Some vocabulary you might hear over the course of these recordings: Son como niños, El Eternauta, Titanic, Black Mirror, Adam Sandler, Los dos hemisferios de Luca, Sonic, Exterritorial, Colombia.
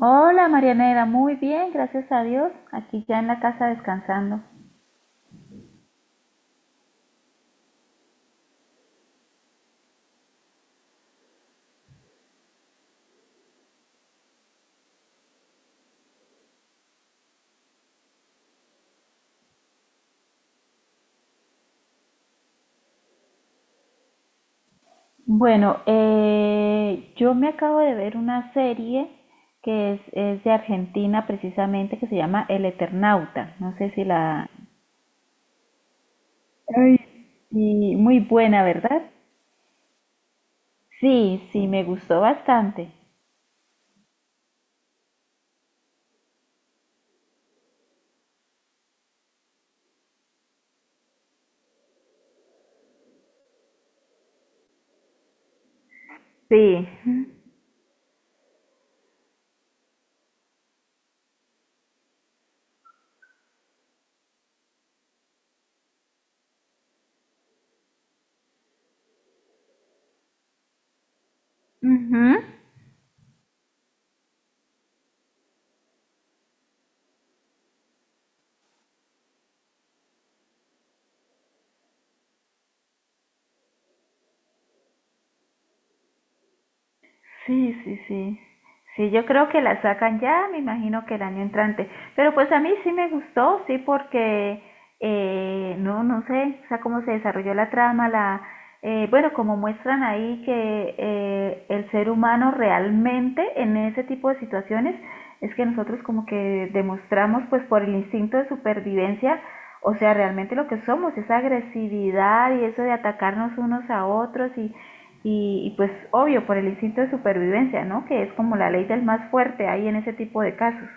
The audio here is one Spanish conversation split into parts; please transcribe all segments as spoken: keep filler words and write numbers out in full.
Hola Marianela, muy bien, gracias a Dios. Aquí ya en la casa descansando. Bueno, eh, yo me acabo de ver una serie que es, es de Argentina precisamente, que se llama El Eternauta. No sé si la... Ay, y muy buena, ¿verdad? Sí, sí, me gustó bastante. Sí. Ujú. Sí, sí, sí. Sí, yo creo que la sacan ya, me imagino que el año entrante. Pero pues a mí sí me gustó, sí, porque eh, no, no sé, o sea, cómo se desarrolló la trama, la, eh, bueno, como muestran ahí que eh, el ser humano realmente en ese tipo de situaciones es que nosotros como que demostramos pues por el instinto de supervivencia, o sea, realmente lo que somos, esa agresividad y eso de atacarnos unos a otros y y, y, pues obvio, por el instinto de supervivencia, ¿no? Que es como la ley del más fuerte ahí en ese tipo de casos.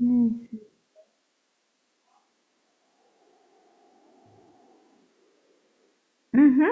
Mm. Ujú.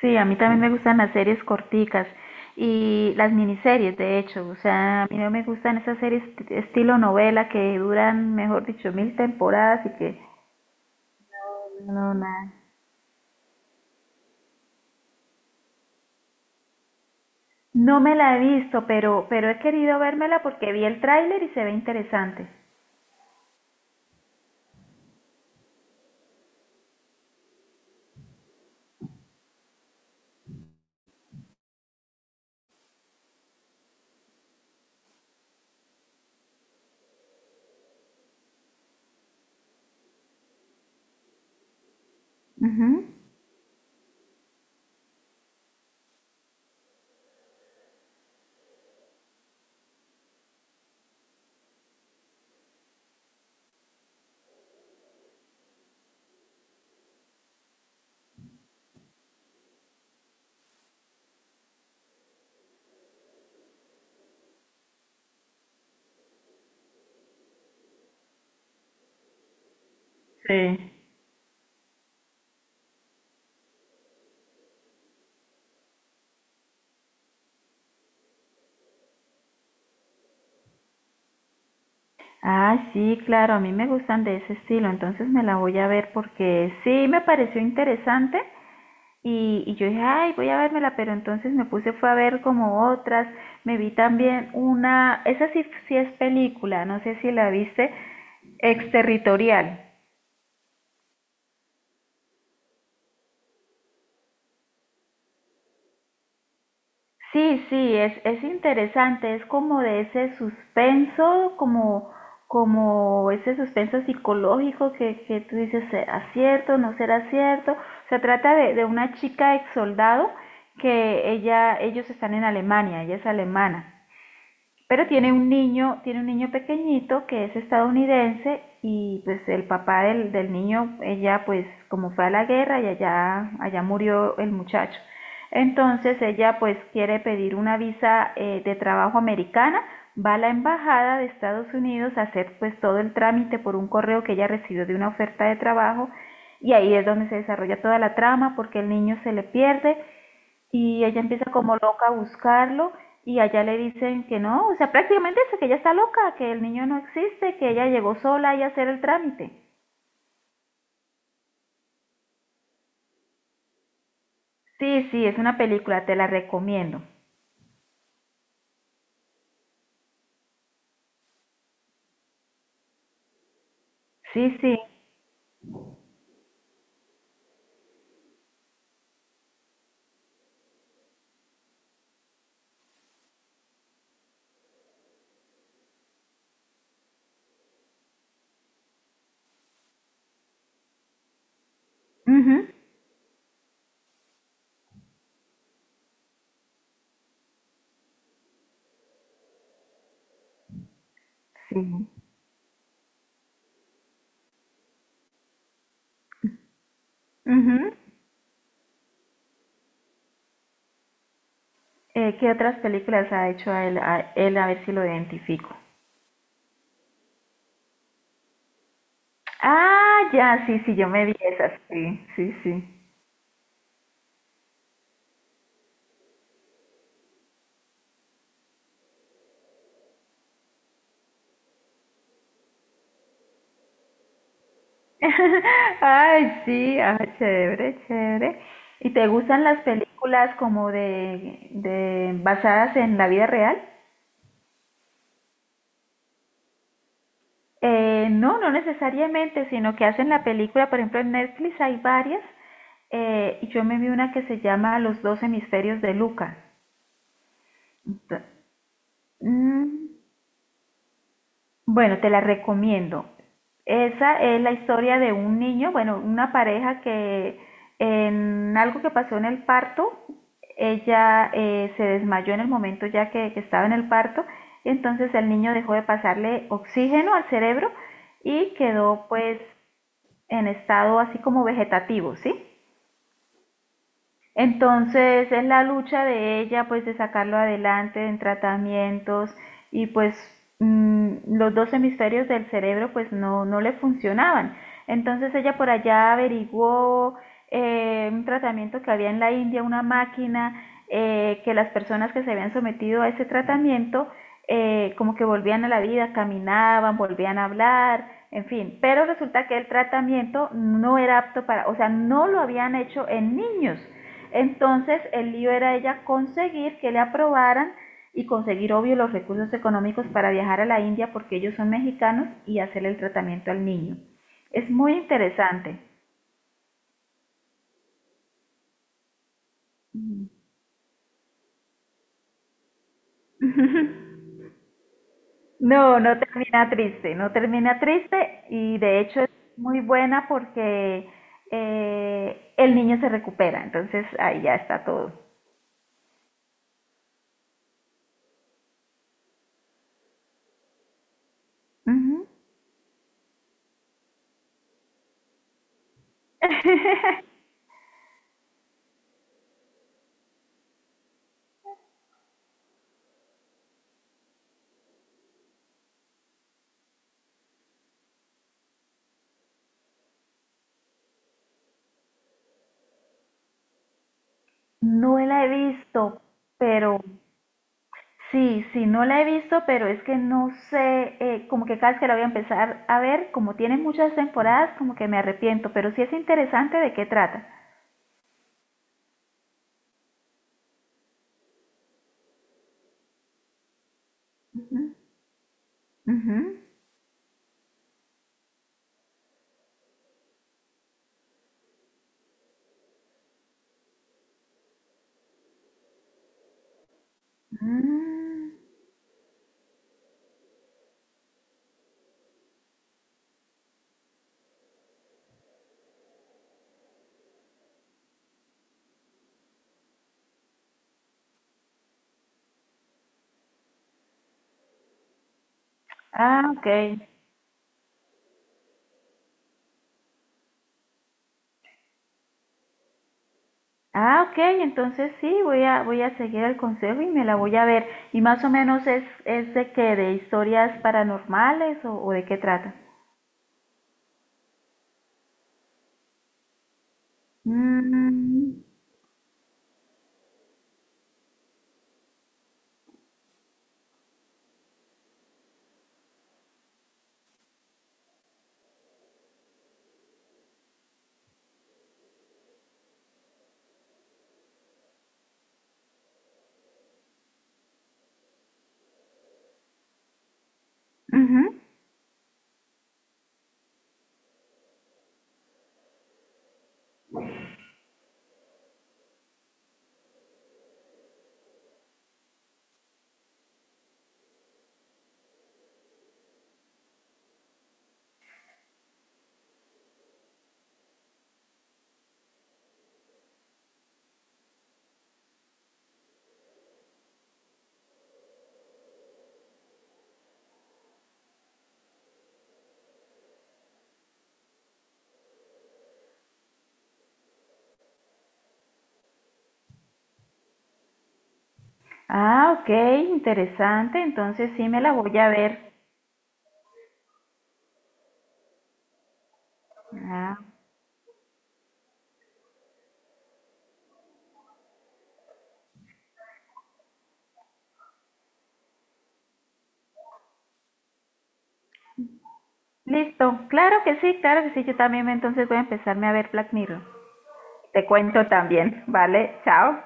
Sí, a mí también me gustan las series corticas y las miniseries, de hecho. O sea, a mí no me gustan esas series t- estilo novela que duran, mejor dicho, mil temporadas y que... No, nada. No me la he visto, pero, pero he querido vérmela porque vi el tráiler y se ve interesante. Ujú. Sí. Ah, sí, claro, a mí me gustan de ese estilo, entonces me la voy a ver porque sí me pareció interesante y, y yo dije, ay, voy a vérmela, pero entonces me puse fue a ver como otras, me vi también una, esa sí, sí es película, no sé si la viste, Exterritorial. Sí, sí, es, es interesante, es como de ese suspenso, como, como ese suspenso psicológico que, que tú dices, ¿será cierto, no será cierto? Se trata de, de una chica ex soldado que ella, ellos están en Alemania, ella es alemana. Pero tiene un niño, tiene un niño pequeñito que es estadounidense y pues el papá del, del niño, ella pues como fue a la guerra y allá, allá murió el muchacho. Entonces ella pues quiere pedir una visa eh, de trabajo americana, va a la embajada de Estados Unidos a hacer pues todo el trámite por un correo que ella recibió de una oferta de trabajo y ahí es donde se desarrolla toda la trama porque el niño se le pierde y ella empieza como loca a buscarlo y allá le dicen que no, o sea, prácticamente dice que ella está loca, que el niño no existe, que ella llegó sola y a hacer el trámite. Sí, sí, es una película, te la recomiendo. Sí, sí. Mhm. Sí. Mhm. ¿Qué otras películas ha hecho a él, a él? A ver si lo identifico. Ah, ya, sí, sí, yo me vi esas. Sí, sí, sí. Ay, sí, ah, chévere, chévere. ¿Y te gustan las películas como de, de basadas en la vida real? Eh, no, no necesariamente, sino que hacen la película, por ejemplo, en Netflix hay varias, eh, y yo me vi una que se llama Los dos hemisferios de Luca. Ento- mm, Bueno, te la recomiendo. Esa es la historia de un niño, bueno, una pareja que en algo que pasó en el parto, ella eh, se desmayó en el momento ya que, que estaba en el parto, y entonces el niño dejó de pasarle oxígeno al cerebro y quedó pues en estado así como vegetativo, ¿sí? Entonces es la lucha de ella pues de sacarlo adelante en tratamientos y pues mm, los dos hemisferios del cerebro pues no, no le funcionaban. Entonces ella por allá averiguó eh, un tratamiento que había en la India, una máquina eh, que las personas que se habían sometido a ese tratamiento eh, como que volvían a la vida, caminaban, volvían a hablar, en fin, pero resulta que el tratamiento no era apto para, o sea, no lo habían hecho en niños. Entonces el lío era ella conseguir que le aprobaran y conseguir, obvio, los recursos económicos para viajar a la India porque ellos son mexicanos y hacer el tratamiento al niño. Es muy interesante. Ujú. No, no termina triste, no termina triste y de hecho es muy buena porque eh, el niño se recupera, entonces ahí ya está todo. Ujú. No la he visto, pero sí, sí, no la he visto, pero es que no sé, eh, como que cada vez que la voy a empezar a ver, como tiene muchas temporadas, como que me arrepiento, pero sí es interesante de qué trata. Ujú, ujú. Mm. Ah, ok. Ah, ok, entonces sí, voy a, voy a seguir el consejo y me la voy a ver. Y más o menos es, es de qué, de historias paranormales o, o de qué trata. Mm, ujú. Ah, ok, interesante, entonces sí me la voy a ver. Ah, listo, claro que sí, claro que sí, yo también entonces voy a empezarme a ver Black Mirror. Te cuento también, ¿vale? Chao.